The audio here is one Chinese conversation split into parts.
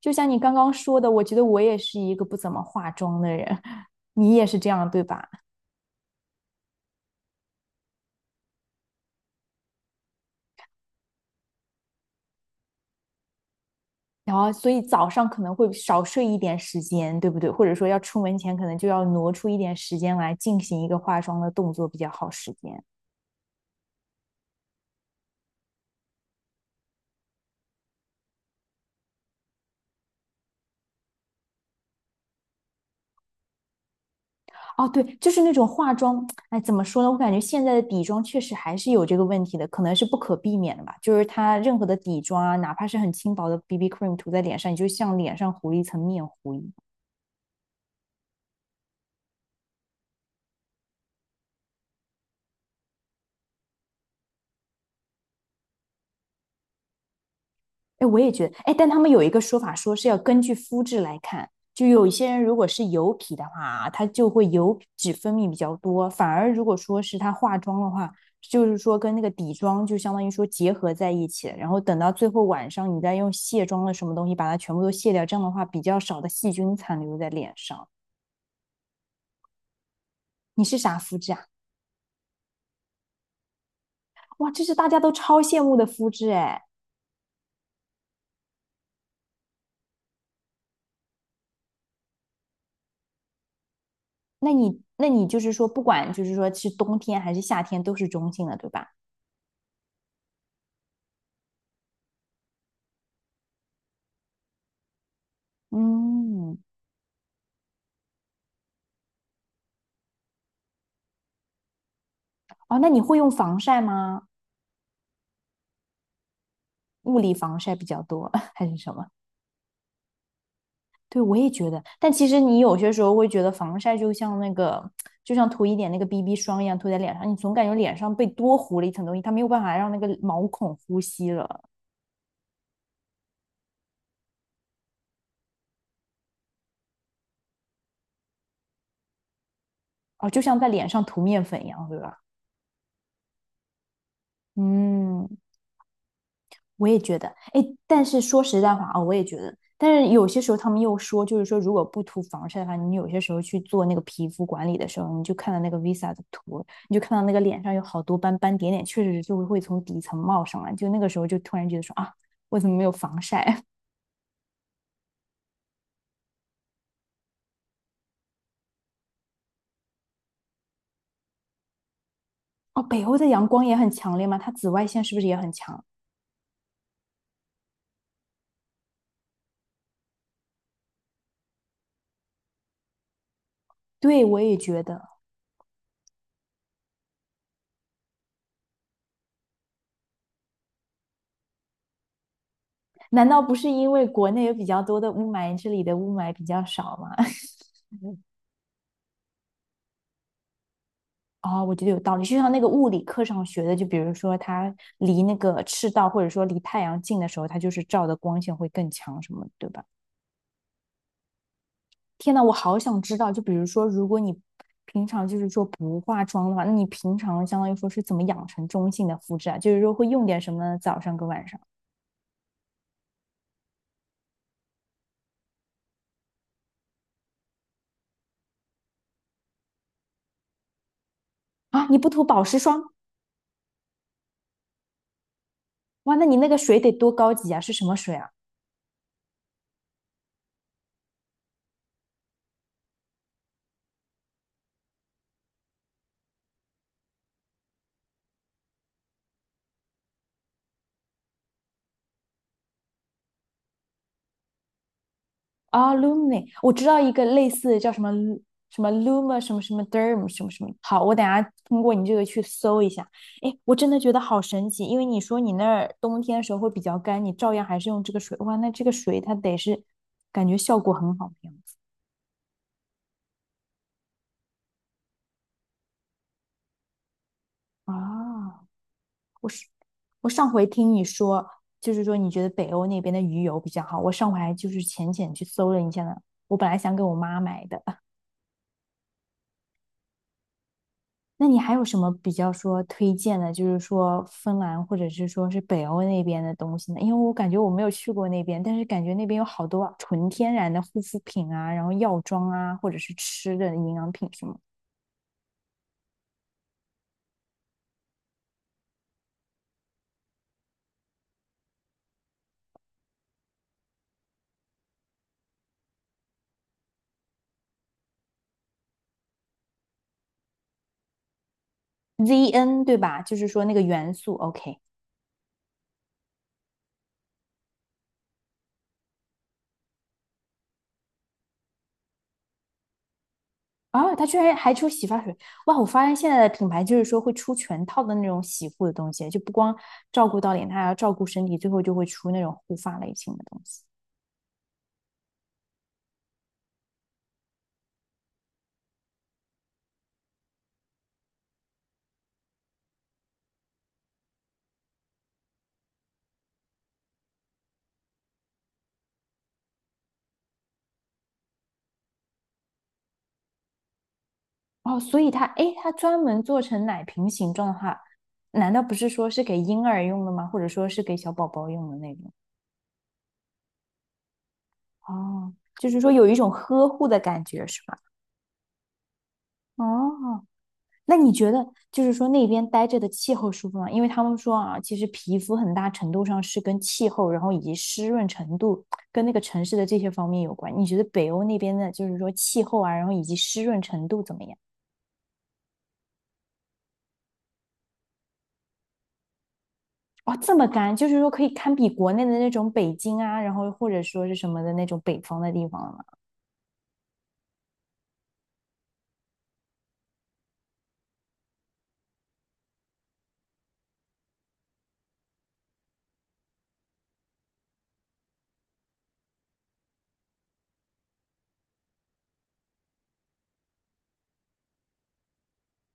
就像你刚刚说的，我觉得我也是一个不怎么化妆的人，你也是这样，对吧？然后，所以早上可能会少睡一点时间，对不对？或者说要出门前，可能就要挪出一点时间来进行一个化妆的动作比较耗时间。哦，对，就是那种化妆，哎，怎么说呢？我感觉现在的底妆确实还是有这个问题的，可能是不可避免的吧。就是它任何的底妆啊，哪怕是很轻薄的 BB cream 涂在脸上，你就像脸上糊了一层面糊一哎，我也觉得，哎，但他们有一个说法，说是要根据肤质来看，就有一些人如果是油皮的话啊，他就会油脂分泌比较多，反而如果说是他化妆的话，就是说跟那个底妆就相当于说结合在一起，然后等到最后晚上你再用卸妆的什么东西把它全部都卸掉，这样的话比较少的细菌残留在脸上。你是啥肤质啊？哇，这是大家都超羡慕的肤质哎。那你就是说，不管就是说是冬天还是夏天，都是中性的，对吧？嗯，哦，那你会用防晒吗？物理防晒比较多，还是什么？对，我也觉得。但其实你有些时候会觉得防晒就像那个，就像涂一点那个 BB 霜一样涂在脸上，你总感觉脸上被多糊了一层东西，它没有办法让那个毛孔呼吸了。哦，就像在脸上涂面粉一样，对吧？嗯，我也觉得，哎，但是说实在话啊、我也觉得，但是有些时候他们又说，就是说如果不涂防晒的话，你有些时候去做那个皮肤管理的时候，你就看到那个 Visa 的图，你就看到那个脸上有好多斑斑点点，确实就会从底层冒上来，就那个时候就突然觉得说啊，为什么没有防晒？哦，北欧的阳光也很强烈吗？它紫外线是不是也很强？对，我也觉得，难道不是因为国内有比较多的雾霾，这里的雾霾比较少吗？哦，我觉得有道理。就像那个物理课上学的，就比如说它离那个赤道或者说离太阳近的时候，它就是照的光线会更强什么的对吧？天呐，我好想知道，就比如说，如果你平常就是说不化妆的话，那你平常相当于说是怎么养成中性的肤质啊？就是说会用点什么呢？早上跟晚上啊？你不涂保湿霜？哇，那你那个水得多高级啊？是什么水啊？啊，Lumni，i 我知道一个类似的叫什么 Lu- 什么 Luma 什么什么 Derm 什么什么。好，我等下通过你这个去搜一下。哎，我真的觉得好神奇，因为你说你那儿冬天的时候会比较干，你照样还是用这个水。哇，那这个水它得是感觉效果很好的样子啊。我是我上回听你说，就是说你觉得北欧那边的鱼油比较好，我上回还就是浅浅去搜了一下呢。我本来想给我妈买的。那你还有什么比较说推荐的，就是说芬兰或者是说是北欧那边的东西呢？因为我感觉我没有去过那边，但是感觉那边有好多啊纯天然的护肤品啊，然后药妆啊，或者是吃的营养品什么 ZN 对吧？就是说那个元素 OK 啊，它居然还出洗发水哇！我发现现在的品牌就是说会出全套的那种洗护的东西，就不光照顾到脸，它还要照顾身体，最后就会出那种护发类型的东西。哦，所以它，诶，它专门做成奶瓶形状的话，难道不是说是给婴儿用的吗？或者说是给小宝宝用的那种？哦，就是说有一种呵护的感觉，是吧？哦，那你觉得就是说那边待着的气候舒服吗？因为他们说啊，其实皮肤很大程度上是跟气候，然后以及湿润程度跟那个城市的这些方面有关。你觉得北欧那边的，就是说气候啊，然后以及湿润程度怎么样？哦，这么干，就是说可以堪比国内的那种北京啊，然后或者说是什么的那种北方的地方了吗？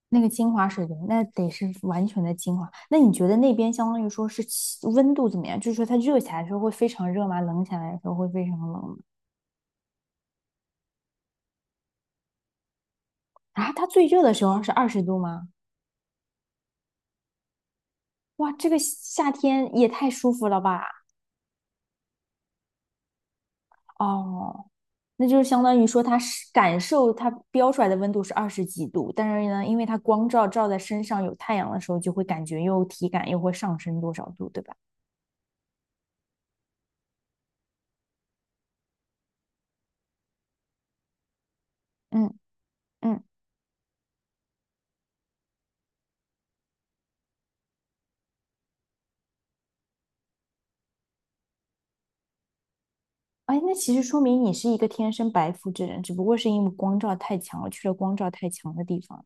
那个精华水源，那得是完全的精华。那你觉得那边相当于说是气温度怎么样？就是说它热起来的时候会非常热吗？冷起来的时候会非常冷吗？啊，它最热的时候是二十度吗？哇，这个夏天也太舒服了吧！哦，那就是相当于说，它是感受它标出来的温度是二十几度，但是呢，因为它光照照在身上有太阳的时候，就会感觉又体感又会上升多少度，对吧？嗯嗯，哎，那其实说明你是一个天生白肤之人，只不过是因为光照太强了，去了光照太强的地方。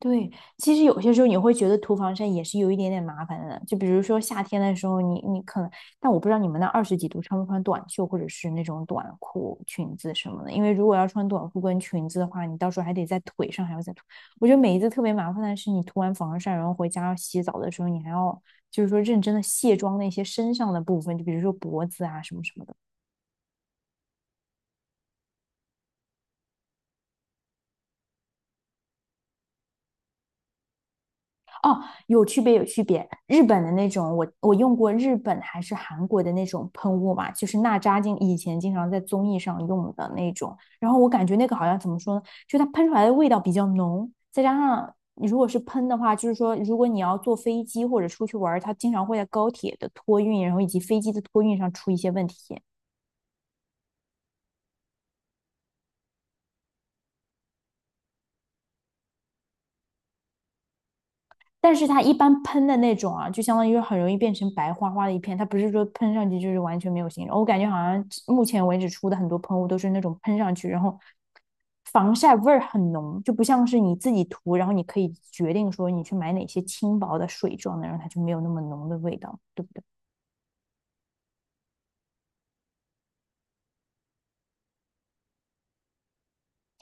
对，其实有些时候你会觉得涂防晒也是有一点点麻烦的，就比如说夏天的时候你，你可能，但我不知道你们那二十几度穿不穿短袖或者是那种短裤、裙子什么的，因为如果要穿短裤跟裙子的话，你到时候还得在腿上还要再涂。我觉得每一次特别麻烦的是，你涂完防晒，然后回家要洗澡的时候，你还要就是说认真的卸妆那些身上的部分，就比如说脖子啊什么什么的。哦，有区别，有区别。日本的那种，我用过日本还是韩国的那种喷雾嘛，就是娜扎经以前经常在综艺上用的那种。然后我感觉那个好像怎么说呢，就它喷出来的味道比较浓，再加上你如果是喷的话，就是说如果你要坐飞机或者出去玩它经常会在高铁的托运，然后以及飞机的托运上出一些问题。但是它一般喷的那种啊，就相当于很容易变成白花花的一片，它不是说喷上去就是完全没有形状。我感觉好像目前为止出的很多喷雾都是那种喷上去，然后防晒味儿很浓，就不像是你自己涂，然后你可以决定说你去买哪些轻薄的水状的，然后它就没有那么浓的味道，对不对？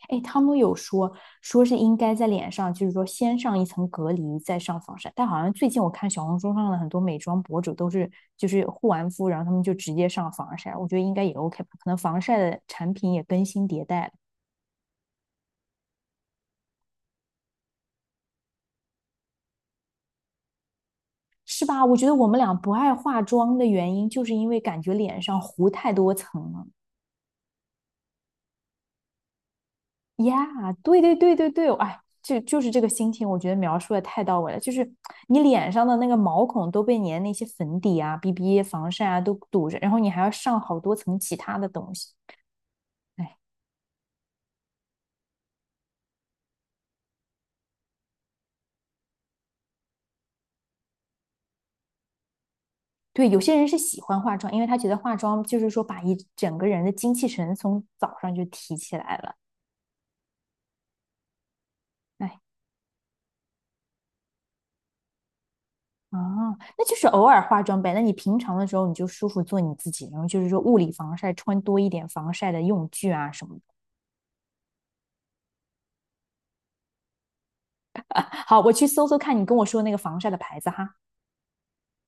哎，他们有说说是应该在脸上，就是说先上一层隔离，再上防晒。但好像最近我看小红书上的很多美妆博主都是，就是护完肤，然后他们就直接上防晒。我觉得应该也 OK 吧，可能防晒的产品也更新迭代了，是吧？我觉得我们俩不爱化妆的原因，就是因为感觉脸上糊太多层了。呀，对对对对对，哎，就是这个心情，我觉得描述的太到位了。就是你脸上的那个毛孔都被你的那些粉底啊、BB 防晒啊都堵着，然后你还要上好多层其他的东西。哎，对，有些人是喜欢化妆，因为他觉得化妆就是说把一整个人的精气神从早上就提起来了。哎，啊，那就是偶尔化妆呗。那你平常的时候你就舒服做你自己，然后就是说物理防晒，穿多一点防晒的用具啊什么的。好，我去搜搜看你跟我说的那个防晒的牌子哈。